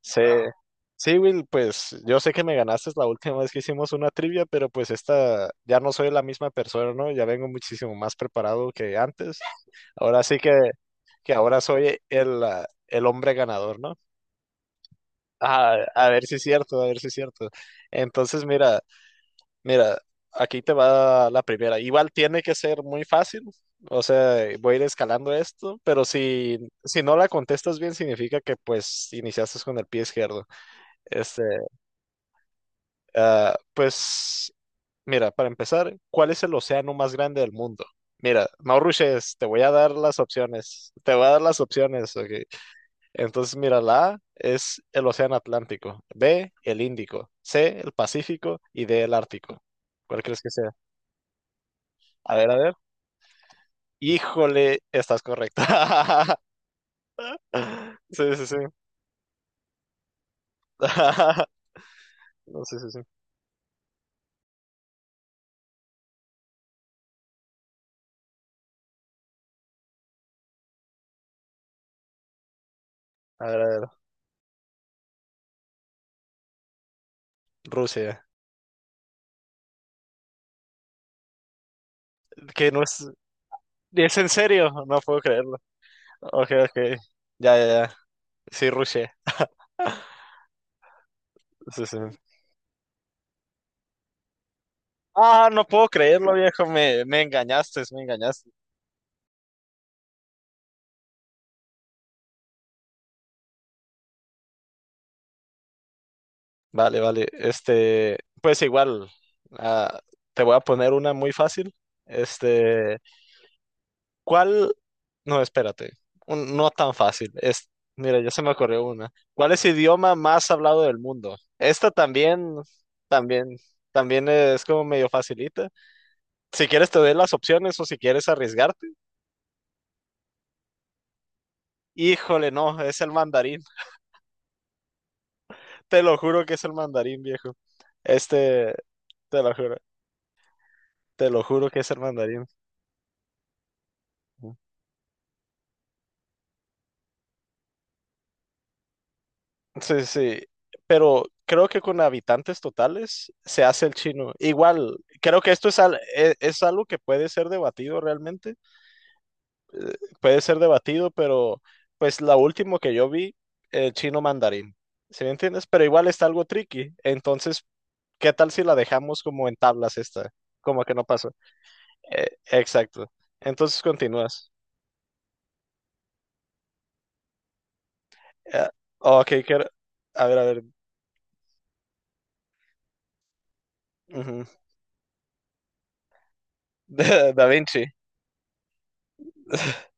Sí, sí, Will, pues yo sé que me ganaste la última vez que hicimos una trivia, pero pues esta ya no soy la misma persona, ¿no? Ya vengo muchísimo más preparado que antes. Ahora sí que ahora soy el hombre ganador, ¿no? Ah, a ver si es cierto, a ver si es cierto. Entonces, mira, mira, aquí te va la primera. Igual tiene que ser muy fácil, o sea, voy a ir escalando esto, pero si no la contestas bien, significa que pues iniciaste con el pie izquierdo. Este. Ah, pues, mira, para empezar, ¿cuál es el océano más grande del mundo? Mira, no rushes, te voy a dar las opciones. Te voy a dar las opciones, ok. Entonces, mira, la A es el océano Atlántico, B, el Índico, C, el Pacífico y D, el Ártico. ¿Cuál crees que sea? A ver, a ver. Híjole, estás correcta. Sí, sí, sí. No, sí, sí, sí. A ver, a ver. Rusia. Que no es... ¿Es en serio? No puedo creerlo. Ok, ok. Ya, ya, ya. Sí, rushé. Sí, sí. Ah, no puedo creerlo, viejo. Me engañaste, me engañaste. Vale, vale. Este, pues igual, ah, te voy a poner una muy fácil. Este, ¿cuál? No, espérate. No tan fácil. Mira, ya se me ocurrió una. ¿Cuál es el idioma más hablado del mundo? Esta también, también, es como medio facilita. Si quieres te doy las opciones o si quieres arriesgarte. Híjole, no, es el mandarín. Te lo juro que es el mandarín, viejo. Este, te lo juro, te lo juro que es el mandarín. Sí, sí, pero creo que con habitantes totales se hace el chino. Igual, creo que esto es algo que puede ser debatido realmente, eh, puede ser debatido, pero pues la último que yo vi, el chino mandarín, ¿sí me entiendes? Pero igual está algo tricky, entonces, ¿qué tal si la dejamos como en tablas esta? Como que no pasó. Exacto. Entonces continúas. Eh, ok, quiero... A ver, a ver. Ujú. Da Vinci.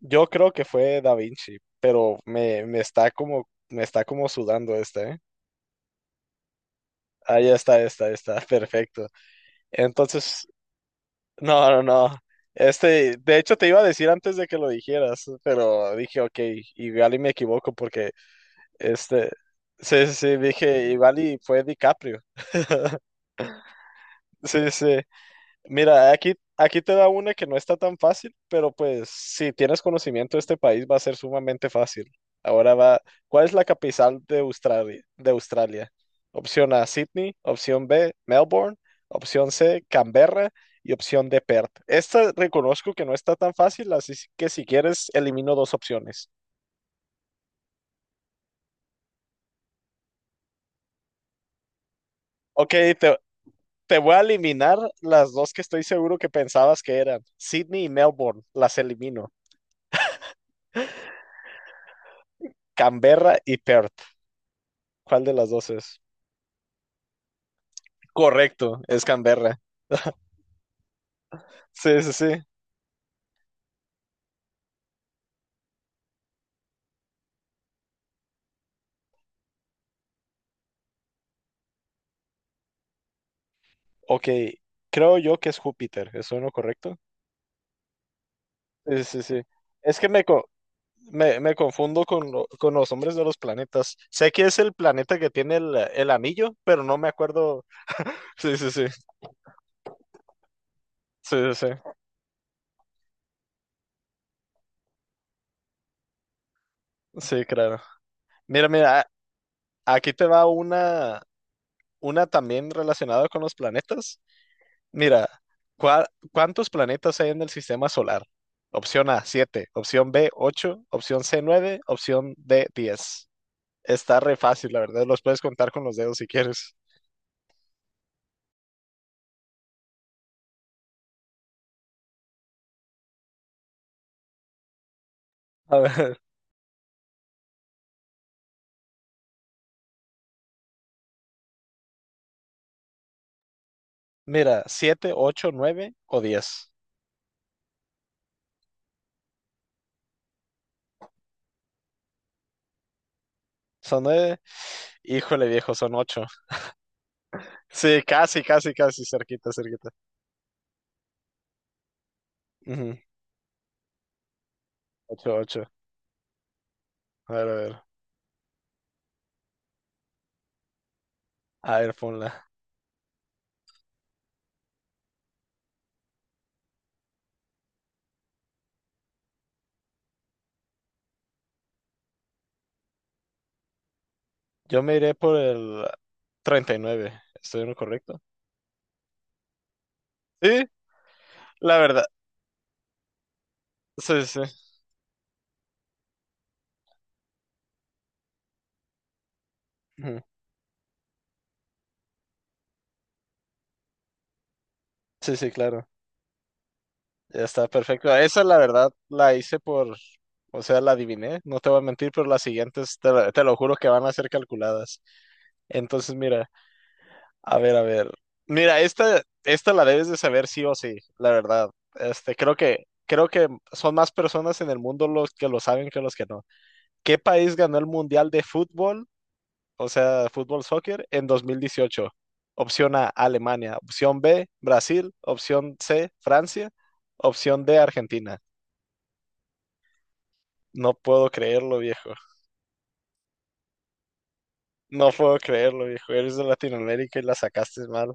Yo creo que fue Da Vinci, pero me está como sudando esta, ¿eh? Ahí está, perfecto. Entonces, no, no, no. Este, de hecho te iba a decir antes de que lo dijeras, pero dije, ok, igual y me equivoco porque, este, sí, sí, sí, dije, igual y fue DiCaprio. Sí, sí. Mira, aquí te da una que no está tan fácil, pero pues si tienes conocimiento de este país va a ser sumamente fácil. Ahora va, ¿cuál es la capital de Australia? ¿De Australia? Opción A, Sydney, opción B, Melbourne, opción C, Canberra y opción D, Perth. Esta reconozco que no está tan fácil, así que si quieres elimino dos opciones. Ok, te, te voy a eliminar las dos que estoy seguro que pensabas que eran. Sydney y Melbourne, las elimino. Canberra y Perth. ¿Cuál de las dos es? Correcto, es Canberra. Sí, sí, sí. Ok, creo yo que es Júpiter. ¿Es uno correcto? Sí, sí, sí. Es que me confundo con los nombres de los planetas. Sé que es el planeta que tiene el anillo, pero no me acuerdo. Sí, sí, sí, sí, sí, sí, sí, claro. Mira, mira, aquí te va una también relacionada con los planetas. Mira, ¿cuántos planetas hay en el sistema solar? Opción A, 7. Opción B, 8. Opción C, 9. Opción D, 10. Está re fácil, la verdad, los puedes contar con los dedos si quieres. A ver, mira, 7, 8, 9 o diez. Son 9. Híjole, viejo, son 8. Sí, casi, casi, casi, cerquita, cerquita. 8, ocho, ocho. A ver, a ver. A ver, ponla. Yo me iré por el 39. ¿Estoy en lo correcto? Sí, la verdad. Sí, sí. Ujú. Sí, sí, claro. Ya está perfecto. Esa la verdad la hice por, o sea, la adiviné, no te voy a mentir, pero las siguientes te lo juro que van a ser calculadas. Entonces, mira, a ver, a ver. Mira, esta la debes de saber sí o sí, la verdad. Este, creo que son más personas en el mundo los que lo saben que los que no. ¿Qué país ganó el Mundial de Fútbol, o sea, fútbol soccer, en 2018? Opción A, Alemania. Opción B, Brasil. Opción C, Francia. Opción D, Argentina. No puedo creerlo, viejo. No puedo creerlo, viejo. Eres de Latinoamérica y la sacaste mal.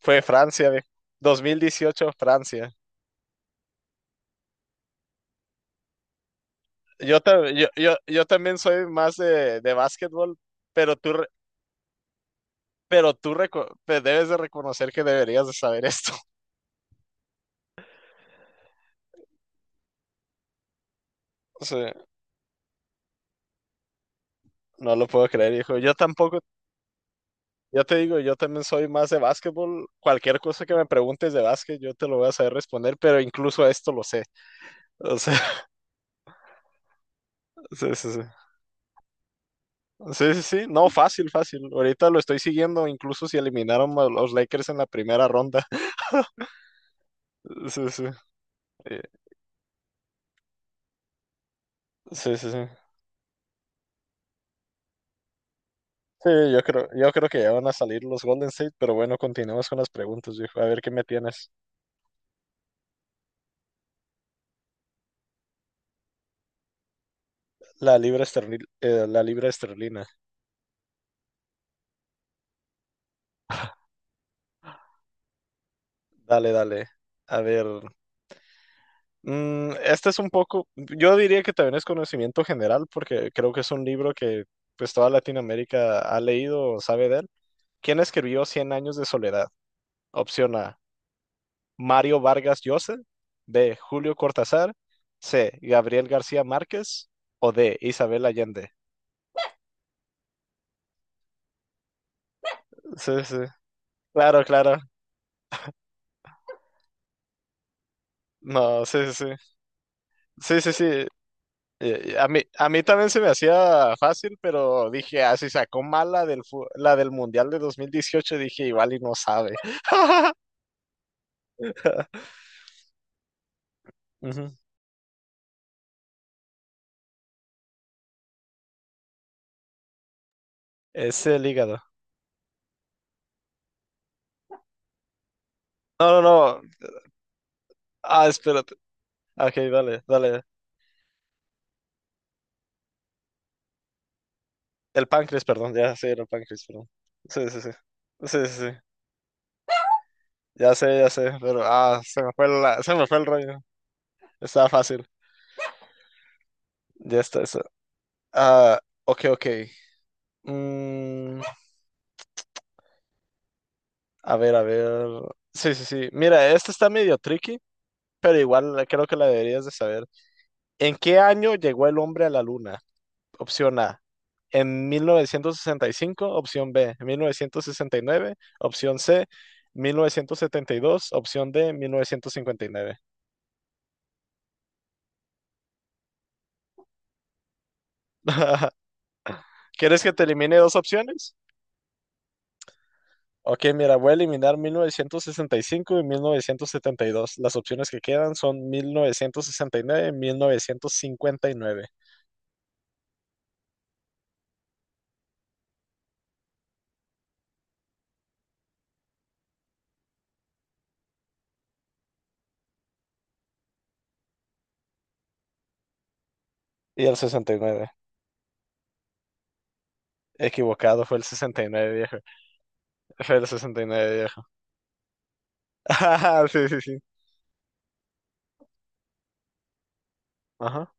Fue Francia, viejo. 2018, Francia. Yo, ta- yo también soy más de básquetbol, pero tú, re- pero tú reco- te debes de reconocer que deberías de saber esto. O sea, no lo puedo creer, hijo. Yo tampoco. Ya te digo, yo también soy más de básquetbol. Cualquier cosa que me preguntes de básquet, yo te lo voy a saber responder, pero incluso a esto lo sé. O sea, sí, sí, sí. Sí, sí, sí. No, fácil, fácil. Ahorita lo estoy siguiendo, incluso si eliminaron a los Lakers en la primera ronda. Sí, sí. Eh, Sí sí, sí. Sí, yo creo que ya van a salir los Golden State, pero bueno, continuemos con las preguntas, viejo. A ver qué me tienes. La libra esterlina, la libra esterlina. Dale, dale. A ver. Este es un poco, yo diría que también es conocimiento general porque creo que es un libro que pues toda Latinoamérica ha leído o sabe de él. ¿Quién escribió Cien años de soledad? Opción A, Mario Vargas Llosa. B, Julio Cortázar. C, Gabriel García Márquez. O D, Isabel Allende. Sí, sí. Claro, claro. No, sí, sí. Sí, sí, sí. Sí, a mí también se me hacía fácil, pero dije, si sacó mal la del, la del Mundial de 2018 dije, igual y no sabe. Ujú. Es el hígado. No, no, no. Ah, espérate. Ah, ok, dale, dale. El páncreas, perdón. Ya sé, el páncreas, perdón. Sí, sí, sí. Sí, sí, sí. Ya sé, pero se me fue el rollo. Estaba fácil. Ya está. Ah, ok, ok. Mm, a ver, a ver. Sí, sí, sí. Mira, este está medio tricky, pero igual creo que la deberías de saber. ¿En qué año llegó el hombre a la Luna? Opción A, en 1965, opción B, 1969, opción C, 1972, opción D, 1959. ¿Quieres que te elimine dos opciones? Ok, mira, voy a eliminar 1965 y 1972. Las opciones que quedan son 1969, 1959 y nueve, 1959 y el 69. Equivocado, fue el 69, viejo. Fue el 69, viejo. Ajá, sí, sí, sí. Ajá.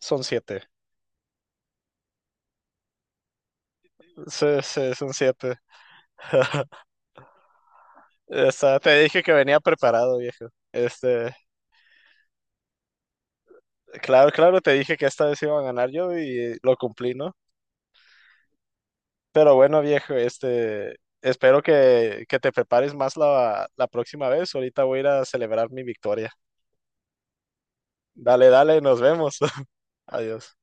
Son siete. Sí, sí, son siete. Esta, te dije que venía preparado, viejo. Este, claro, claro, te dije que esta vez iba a ganar yo y lo cumplí, ¿no? Pero bueno, viejo, este, espero que te prepares más la próxima vez. Ahorita voy a ir a celebrar mi victoria. Dale, dale, nos vemos. Adiós.